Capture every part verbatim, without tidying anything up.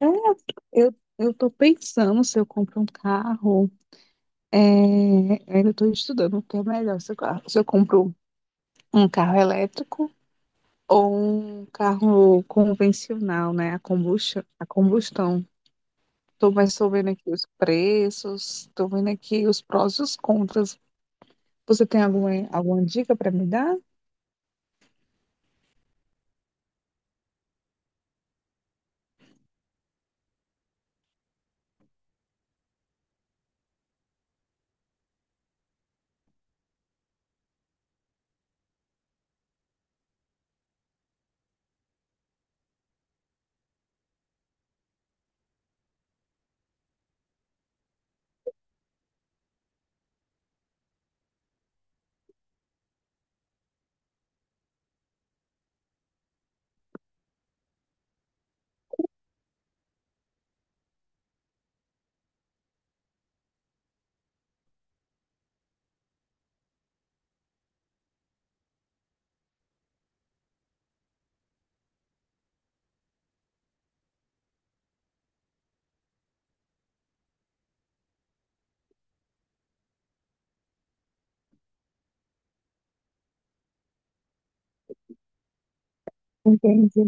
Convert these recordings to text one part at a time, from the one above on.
É, eu, eu tô pensando se eu compro um carro, é, ainda estou estudando o que é melhor, se eu, se eu compro um carro elétrico ou um carro convencional, né, a combustão, a combustão. Tô mais tô vendo aqui os preços. Estou vendo aqui os prós e os contras. Você tem alguma, alguma dica para me dar? Entendi.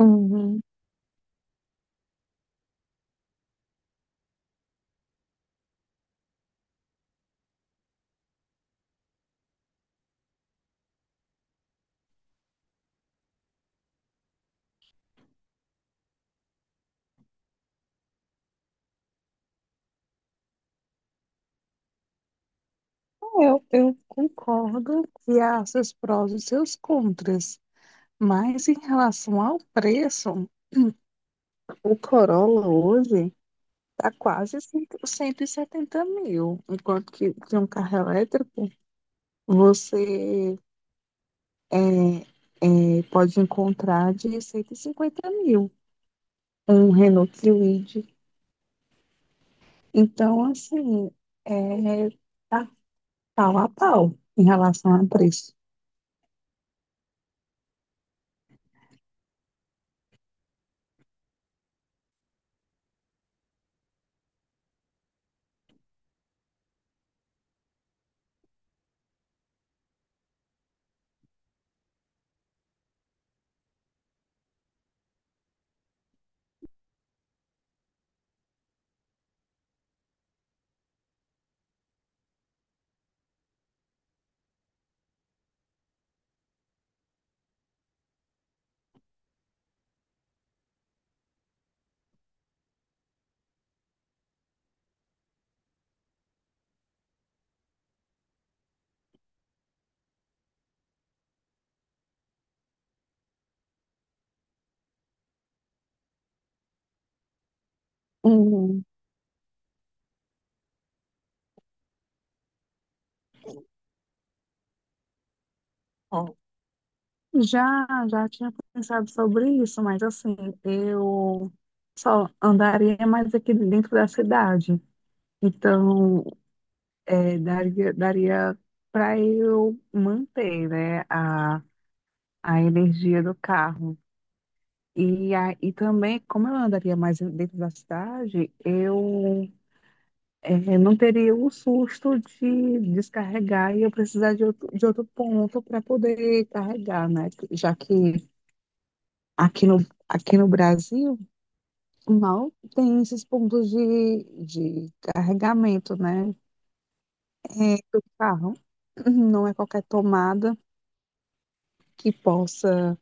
Uhum. É, Eu, eu concordo que há seus prós e seus contras, mas em relação ao preço, o Corolla hoje tá quase cem, cento e setenta mil, enquanto que de um carro elétrico você é, é, pode encontrar de cento e cinquenta mil, um Renault Kwid. Então, assim, é, tá pau a pau em relação a preço. Hum, ó, já, já tinha pensado sobre isso, mas assim, eu só andaria mais aqui dentro da cidade. Então, é, daria, daria para eu manter, né, a, a energia do carro. E, a, e também, como eu andaria mais dentro da cidade, eu é, não teria o susto de descarregar e eu precisar de outro, de outro ponto para poder carregar, né? Já que aqui no, aqui no Brasil mal tem esses pontos de, de carregamento, né, é, do carro. Não é qualquer tomada que possa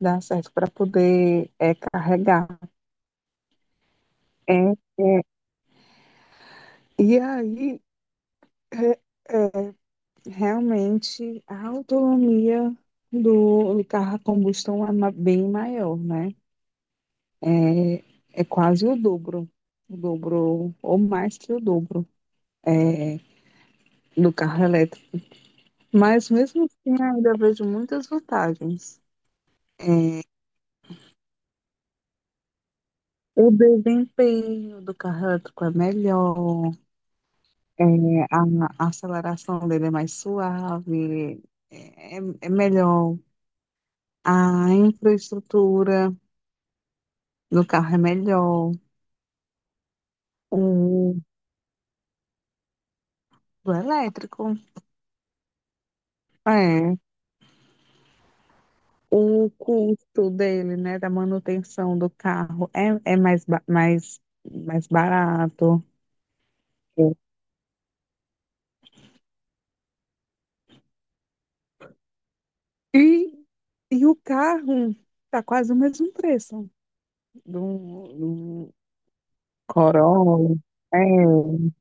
dar certo para poder é, carregar. É, e aí, é, é, realmente, a autonomia do, do carro a combustão é ma- bem maior, né? É, é quase o dobro, o dobro, ou mais que o dobro, é, do carro elétrico. Mas mesmo assim, ainda vejo muitas vantagens. É, o desempenho do carro elétrico é melhor. É, a, a aceleração dele é mais suave, é, é é melhor. A infraestrutura do carro é melhor. O do elétrico, é. O custo dele, né, da manutenção do carro é, é mais, ba- mais, mais barato. E, e o carro tá quase o mesmo preço do, do Corolla. É. é.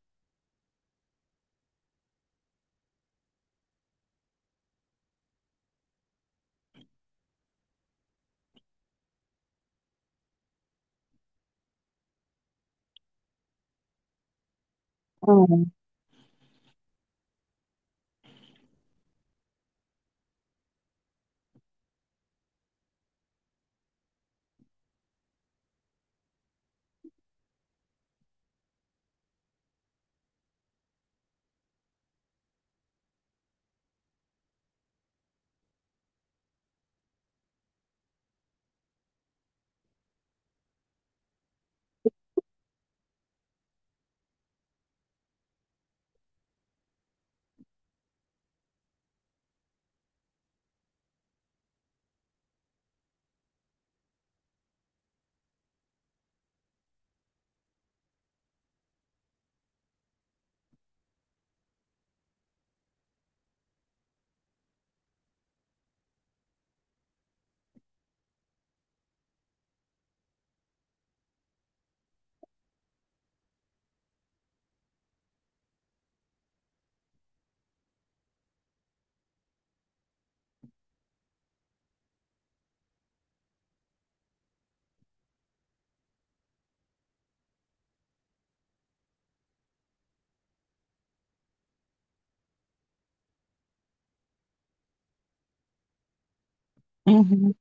Uhum,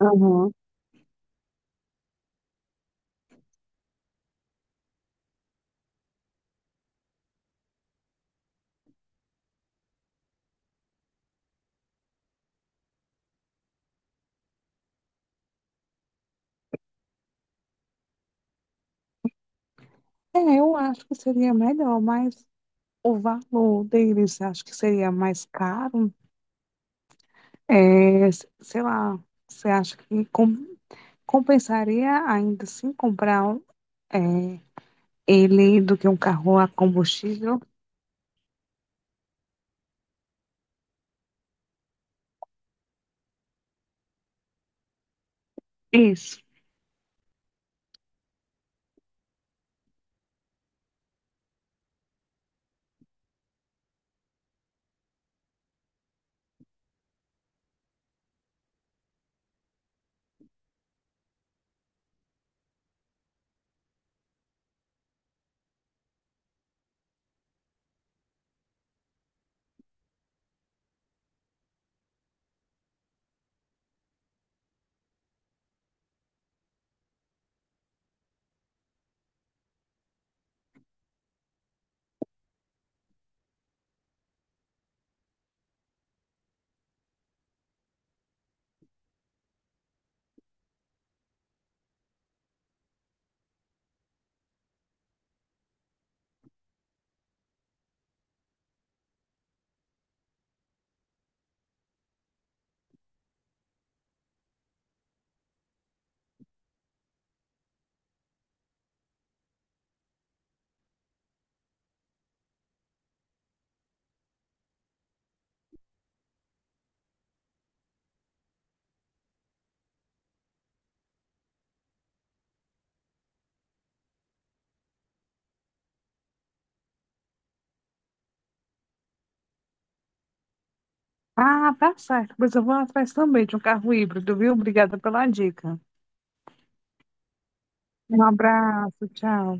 uhum. É, eu acho que seria melhor, mas o valor deles, você acha que seria mais caro? É, s- sei lá, você acha que com- compensaria ainda assim comprar um, é, ele do que um carro a combustível? Isso. Ah, tá certo. Pois eu vou atrás também de um carro híbrido, viu? Obrigada pela dica. Um abraço, tchau.